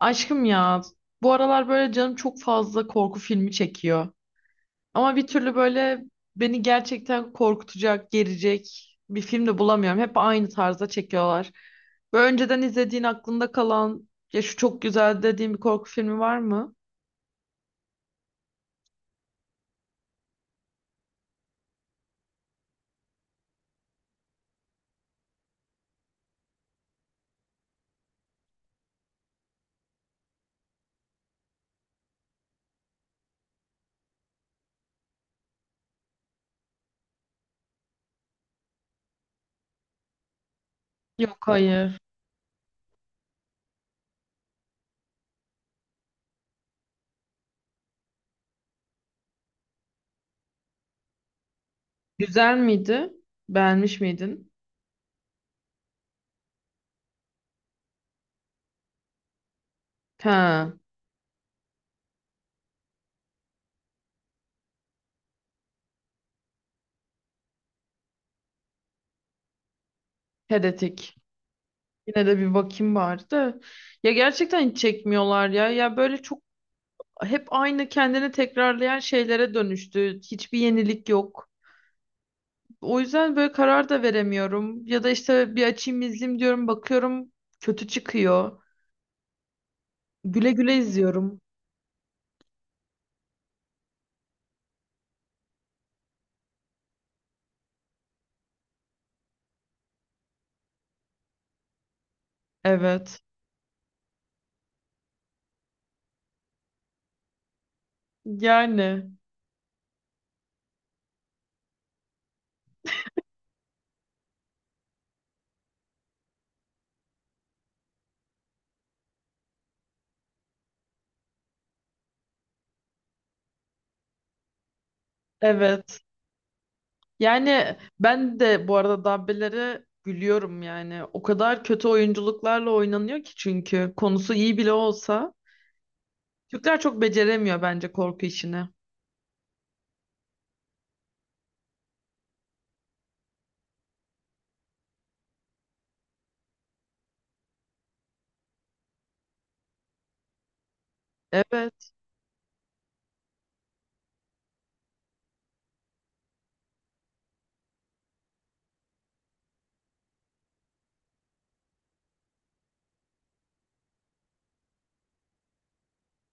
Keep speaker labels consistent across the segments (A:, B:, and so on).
A: Aşkım ya, bu aralar böyle canım çok fazla korku filmi çekiyor. Ama bir türlü böyle beni gerçekten korkutacak, gerecek bir film de bulamıyorum. Hep aynı tarzda çekiyorlar. Böyle önceden izlediğin aklında kalan, ya şu çok güzel dediğin bir korku filmi var mı? Yok, hayır. Güzel miydi? Beğenmiş miydin? Ha, Heretic. Yine de bir bakayım bari de. Ya gerçekten hiç çekmiyorlar ya. Ya böyle çok hep aynı kendini tekrarlayan şeylere dönüştü. Hiçbir yenilik yok. O yüzden böyle karar da veremiyorum. Ya da işte bir açayım izleyeyim diyorum, bakıyorum kötü çıkıyor. Güle güle izliyorum. Evet. Yani evet. Yani ben de bu arada Dabbe'lere gülüyorum yani. O kadar kötü oyunculuklarla oynanıyor ki, çünkü konusu iyi bile olsa. Türkler çok beceremiyor bence korku işini. Evet.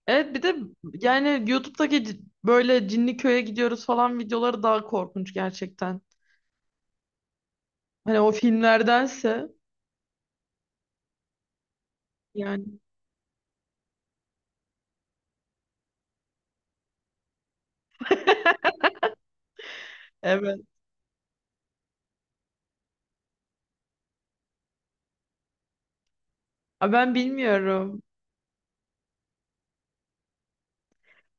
A: Evet bir de yani YouTube'daki böyle cinli köye gidiyoruz falan videoları daha korkunç gerçekten. Hani o filmlerdense yani. Evet. Aa, ben bilmiyorum.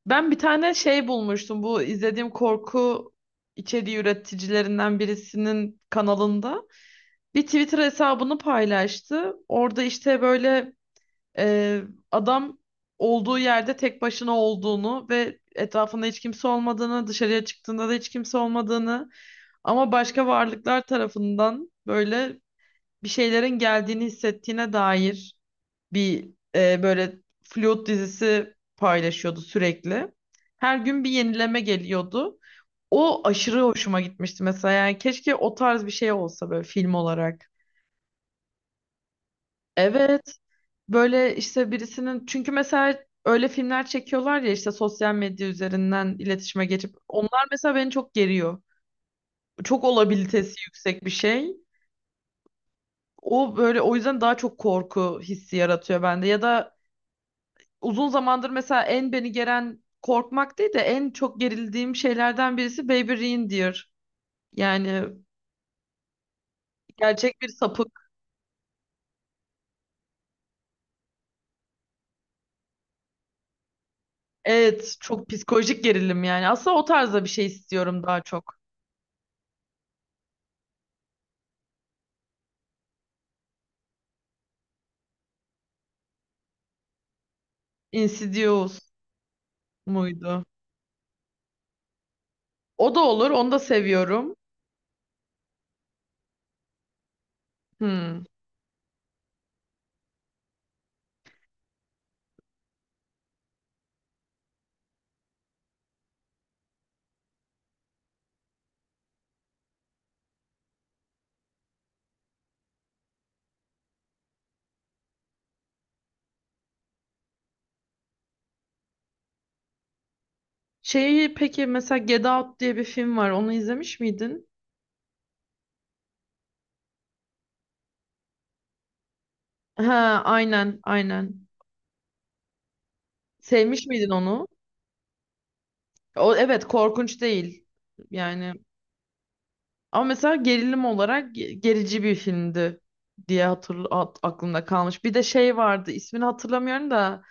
A: Ben bir tane şey bulmuştum bu izlediğim korku içeriği üreticilerinden birisinin kanalında. Bir Twitter hesabını paylaştı. Orada işte böyle e, adam olduğu yerde tek başına olduğunu ve etrafında hiç kimse olmadığını, dışarıya çıktığında da hiç kimse olmadığını ama başka varlıklar tarafından böyle bir şeylerin geldiğini hissettiğine dair bir böyle flüt dizisi paylaşıyordu sürekli. Her gün bir yenileme geliyordu. O aşırı hoşuma gitmişti mesela. Yani keşke o tarz bir şey olsa böyle film olarak. Evet. Böyle işte birisinin, çünkü mesela öyle filmler çekiyorlar ya, işte sosyal medya üzerinden iletişime geçip onlar mesela beni çok geriyor. Çok olabilitesi yüksek bir şey. O böyle, o yüzden daha çok korku hissi yaratıyor bende, ya da uzun zamandır mesela en beni geren, korkmak değil de en çok gerildiğim şeylerden birisi Baby Reindeer. Yani gerçek bir sapık. Evet, çok psikolojik gerilim yani. Aslında o tarzda bir şey istiyorum daha çok. Insidious muydu? O da olur. Onu da seviyorum. Hmm. Şeyi peki, mesela Get Out diye bir film var. Onu izlemiş miydin? Ha, aynen, aynen. Sevmiş miydin onu? O evet, korkunç değil. Yani ama mesela gerilim olarak gerici bir filmdi diye aklımda kalmış. Bir de şey vardı. İsmini hatırlamıyorum da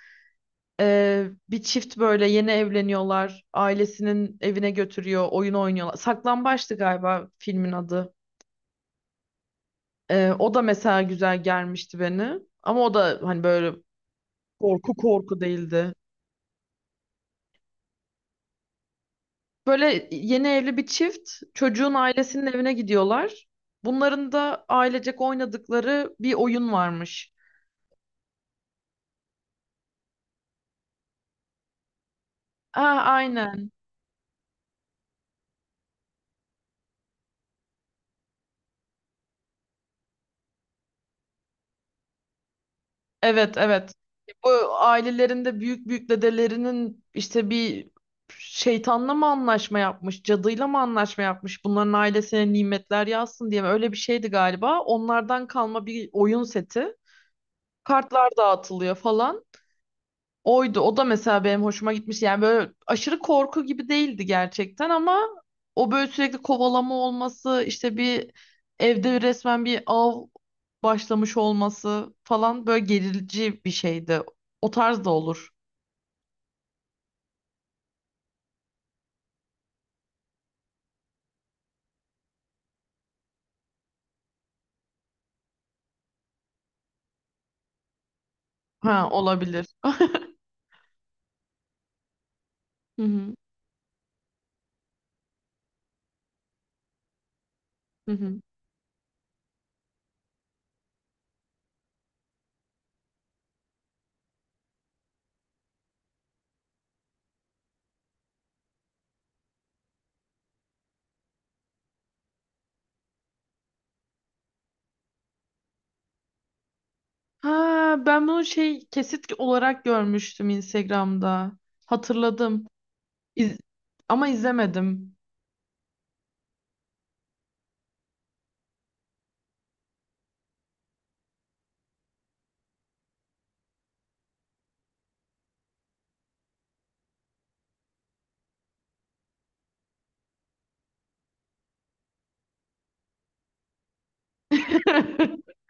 A: bir çift böyle yeni evleniyorlar. Ailesinin evine götürüyor, oyun oynuyorlar. Saklambaçtı galiba filmin adı. O da mesela güzel gelmişti beni. Ama o da hani böyle korku korku değildi. Böyle yeni evli bir çift çocuğun ailesinin evine gidiyorlar. Bunların da ailecek oynadıkları bir oyun varmış. Ha, aynen. Evet, evet. Bu ailelerinde büyük büyük dedelerinin işte bir şeytanla mı anlaşma yapmış, cadıyla mı anlaşma yapmış, bunların ailesine nimetler yazsın diye mi? Öyle bir şeydi galiba. Onlardan kalma bir oyun seti. Kartlar dağıtılıyor falan. Oydu. O da mesela benim hoşuma gitmiş. Yani böyle aşırı korku gibi değildi gerçekten ama o böyle sürekli kovalama olması, işte bir evde resmen bir av başlamış olması falan, böyle gerici bir şeydi. O tarz da olur. Ha, olabilir. Hı hı. Hı hı. Ha, ben bunu şey, kesit olarak görmüştüm Instagram'da. Hatırladım. İz- Ama izlemedim.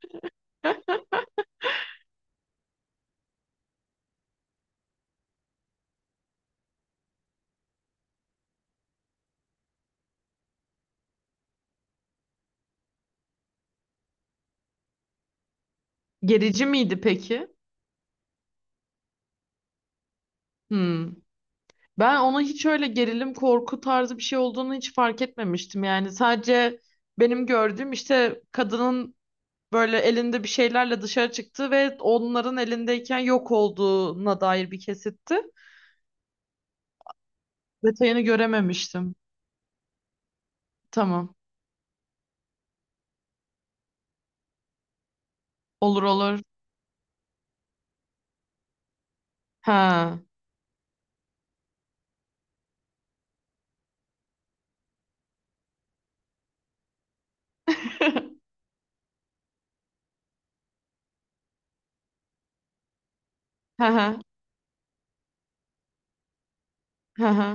A: Gerici miydi peki? Hmm. Ben ona hiç öyle gerilim korku tarzı bir şey olduğunu hiç fark etmemiştim. Yani sadece benim gördüğüm işte kadının böyle elinde bir şeylerle dışarı çıktığı ve onların elindeyken yok olduğuna dair bir kesitti. Detayını görememiştim. Tamam. Olur, olur. Ha. Ha ha. Ha ha.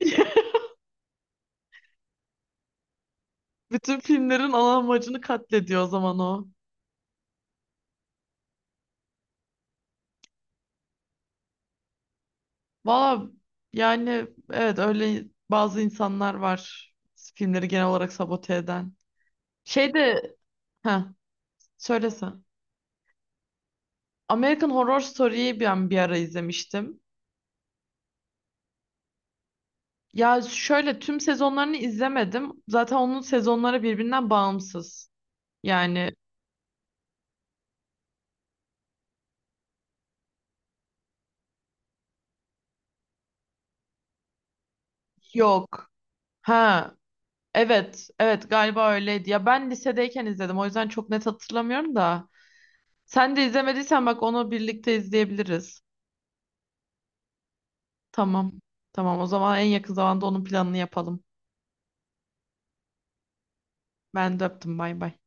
A: Bütün filmlerin ana amacını katlediyor o zaman o. Valla yani evet, öyle bazı insanlar var filmleri genel olarak sabote eden. Şey de, ha, söylese. American Horror Story'yi ben bir ara izlemiştim. Ya şöyle, tüm sezonlarını izlemedim. Zaten onun sezonları birbirinden bağımsız. Yani yok. Ha evet, evet galiba öyleydi. Ya ben lisedeyken izledim, o yüzden çok net hatırlamıyorum da. Sen de izlemediysen bak, onu birlikte izleyebiliriz. Tamam. Tamam, o zaman en yakın zamanda onun planını yapalım. Ben de öptüm, bay bay.